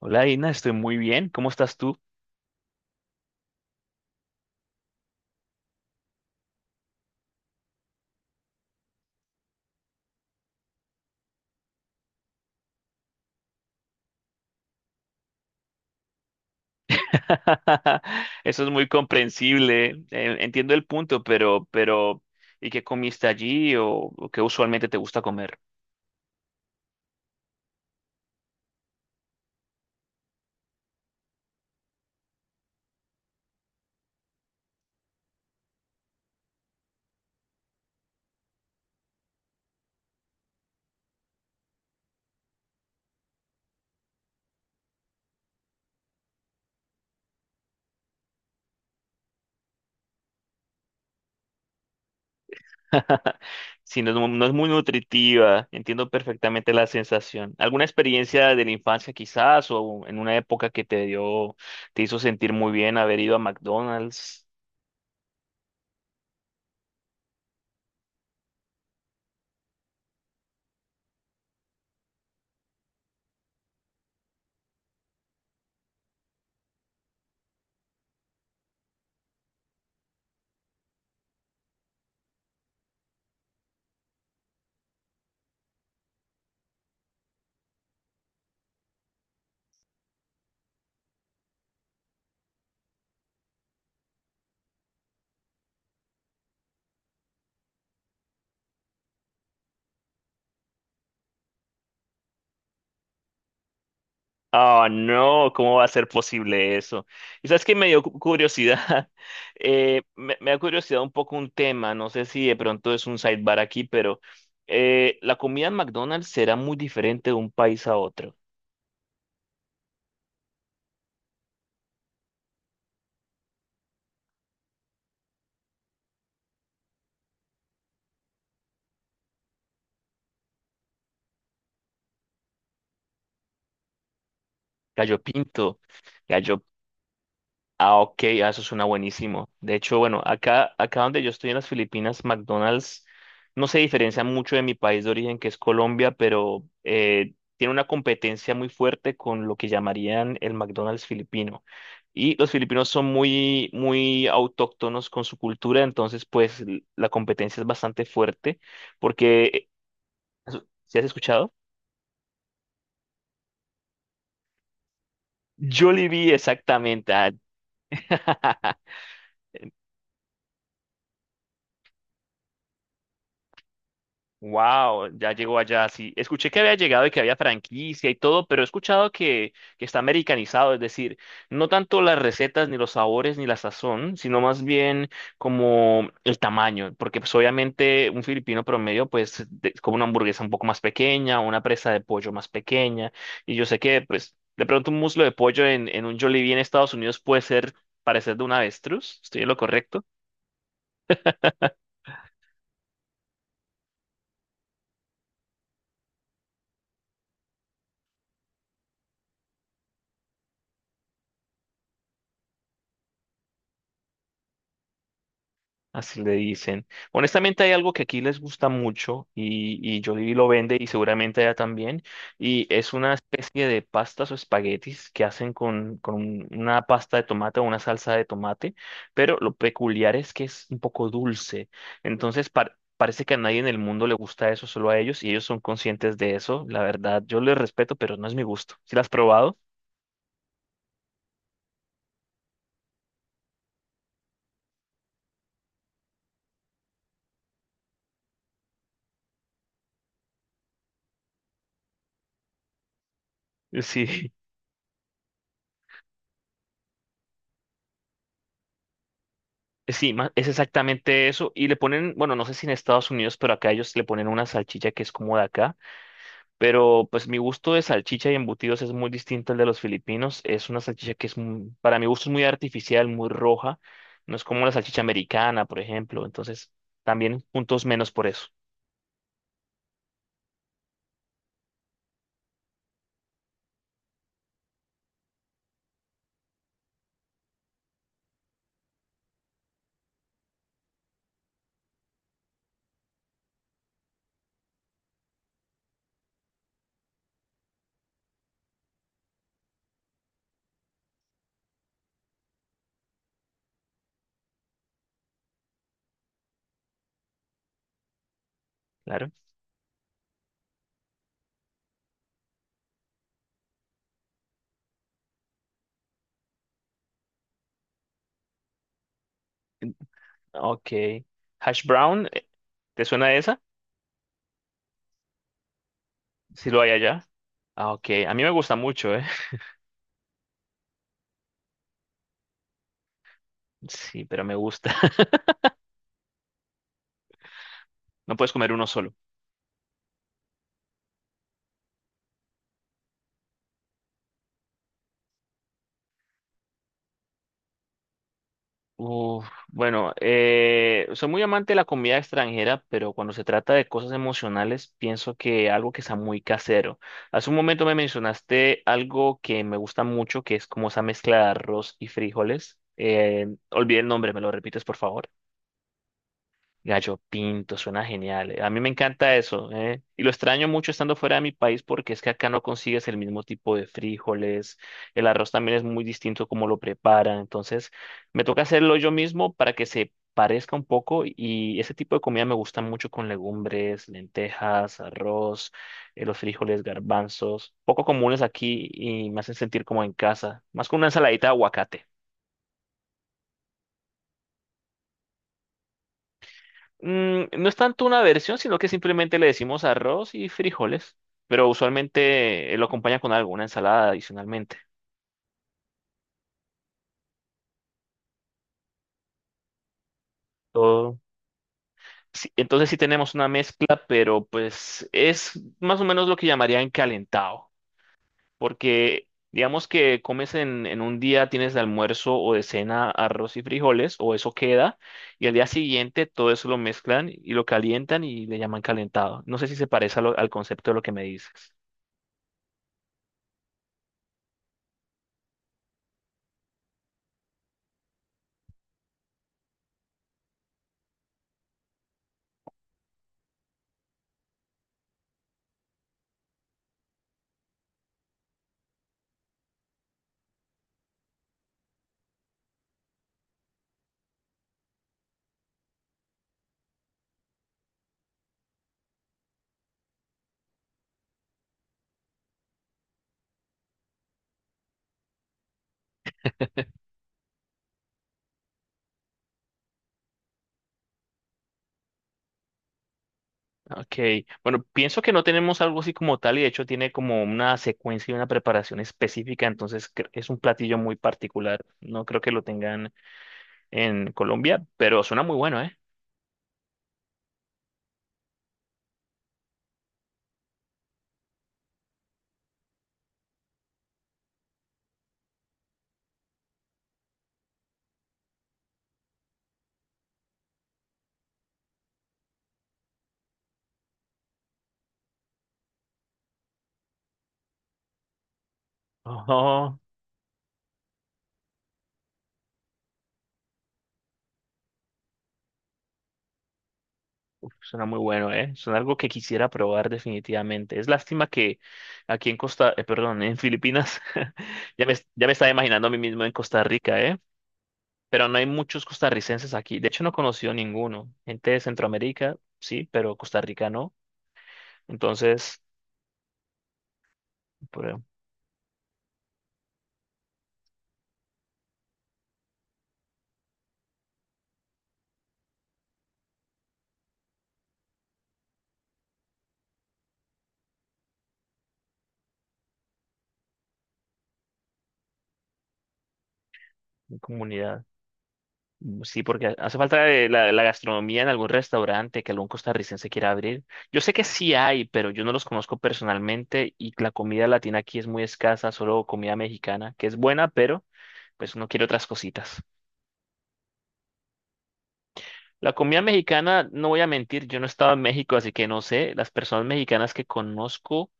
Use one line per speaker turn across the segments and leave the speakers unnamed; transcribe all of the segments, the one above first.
Hola, Ina, estoy muy bien. ¿Cómo estás tú? Eso es muy comprensible. Entiendo el punto, pero, ¿y qué comiste allí o qué usualmente te gusta comer? Si no, es no es muy nutritiva, entiendo perfectamente la sensación. ¿Alguna experiencia de la infancia quizás o en una época que te dio, te hizo sentir muy bien haber ido a McDonald's? Ah, no, ¿cómo va a ser posible eso? Y sabes que me dio curiosidad. Me da curiosidad un poco un tema, no sé si de pronto es un sidebar aquí, pero la comida en McDonald's será muy diferente de un país a otro. Gallo pinto, gallo. Ah, ok, ah, eso suena buenísimo. De hecho, bueno, acá donde yo estoy en las Filipinas, McDonald's no se diferencia mucho de mi país de origen, que es Colombia, pero tiene una competencia muy fuerte con lo que llamarían el McDonald's filipino. Y los filipinos son muy, muy autóctonos con su cultura, entonces, pues, la competencia es bastante fuerte, porque, ¿si has escuchado? Jollibee, exactamente. Ah. Wow, ya llegó allá. Sí, escuché que había llegado y que había franquicia y todo, pero he escuchado que está americanizado, es decir, no tanto las recetas, ni los sabores, ni la sazón, sino más bien como el tamaño, porque pues obviamente un filipino promedio pues come una hamburguesa un poco más pequeña, una presa de pollo más pequeña, y yo sé que pues de pronto un muslo de pollo en un Jollibee en Estados Unidos puede ser parecer de un avestruz, ¿estoy en lo correcto? Así le dicen. Honestamente hay algo que aquí les gusta mucho y Jollibee lo vende y seguramente allá también. Y es una especie de pastas o espaguetis que hacen con una pasta de tomate o una salsa de tomate, pero lo peculiar es que es un poco dulce. Entonces parece que a nadie en el mundo le gusta eso, solo a ellos, y ellos son conscientes de eso. La verdad, yo les respeto, pero no es mi gusto. ¿Si las has probado? Sí. Sí, es exactamente eso. Y le ponen, bueno, no sé si en Estados Unidos, pero acá ellos le ponen una salchicha que es como de acá. Pero pues mi gusto de salchicha y embutidos es muy distinto al de los filipinos. Es una salchicha que es, para mi gusto, es muy artificial, muy roja. No es como la salchicha americana, por ejemplo. Entonces, también puntos menos por eso. Claro. Ok. Hash brown, ¿te suena esa? Si lo hay allá. Ah, ok. A mí me gusta mucho, ¿eh? Sí, pero me gusta. No puedes comer uno solo. Uf, bueno, soy muy amante de la comida extranjera, pero cuando se trata de cosas emocionales, pienso que algo que está muy casero. Hace un momento me mencionaste algo que me gusta mucho, que es como esa mezcla de arroz y frijoles. Olvidé el nombre, ¿me lo repites, por favor? Gallo Pinto, suena genial. Eh. A mí me encanta eso, ¿eh? Y lo extraño mucho estando fuera de mi país porque es que acá no consigues el mismo tipo de frijoles, el arroz también es muy distinto como lo preparan, entonces me toca hacerlo yo mismo para que se parezca un poco y ese tipo de comida me gusta mucho con legumbres, lentejas, arroz, los frijoles, garbanzos, poco comunes aquí y me hacen sentir como en casa, más con una ensaladita de aguacate. Mm, no es tanto una versión, sino que simplemente le decimos arroz y frijoles, pero usualmente lo acompaña con alguna ensalada adicionalmente. Todo. Sí, entonces sí tenemos una mezcla, pero pues es más o menos lo que llamarían calentado, porque digamos que comes en un día, tienes de almuerzo o de cena arroz y frijoles, o eso queda, y al día siguiente todo eso lo mezclan y lo calientan y le llaman calentado. No sé si se parece a al concepto de lo que me dices. Ok, bueno, pienso que no tenemos algo así como tal y de hecho tiene como una secuencia y una preparación específica, entonces es un platillo muy particular. No creo que lo tengan en Colombia, pero suena muy bueno, ¿eh? Oh, suena muy bueno, ¿eh? Suena algo que quisiera probar definitivamente. Es lástima que aquí en Costa, perdón, en Filipinas, ya me estaba imaginando a mí mismo en Costa Rica, ¿eh? Pero no hay muchos costarricenses aquí. De hecho, no he conocido ninguno. Gente de Centroamérica, sí, pero Costa Rica no. Entonces... por mi comunidad. Mm, sí, porque hace falta la gastronomía en algún restaurante que algún costarricense quiera abrir. Yo sé que sí hay, pero yo no los conozco personalmente y la comida latina aquí es muy escasa, solo comida mexicana, que es buena, pero pues uno quiere otras cositas. La comida mexicana, no voy a mentir, yo no he estado en México, así que no sé. Las personas mexicanas que conozco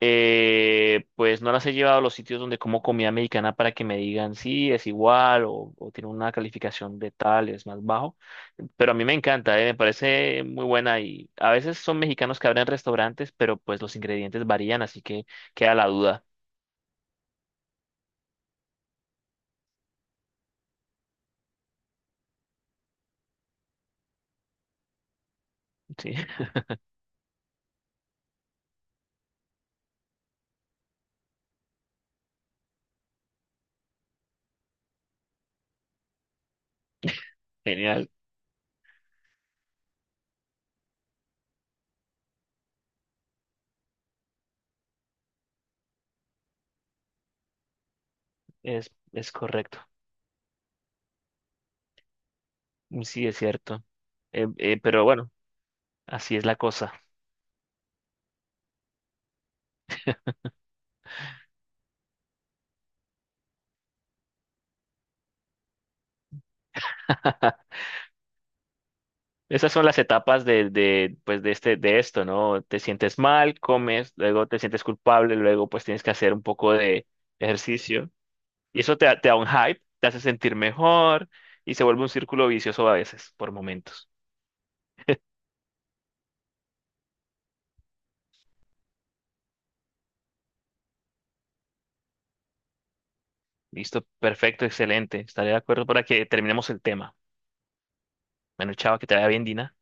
pues no las he llevado a los sitios donde como comida mexicana para que me digan sí, es igual o tiene una calificación de tal, es más bajo. Pero a mí me encanta, me parece muy buena y a veces son mexicanos que abren restaurantes, pero pues los ingredientes varían, así que queda la duda. Sí. Genial, es correcto. Sí, es cierto. Pero bueno, así es la cosa. Esas son las etapas de, pues de este, de esto, ¿no? Te sientes mal, comes, luego te sientes culpable, luego pues tienes que hacer un poco de ejercicio. Y eso te, te da un hype, te hace sentir mejor y se vuelve un círculo vicioso a veces, por momentos. Listo, perfecto, excelente. Estaré de acuerdo para que terminemos el tema. Bueno, chao, que te vaya bien, Dina.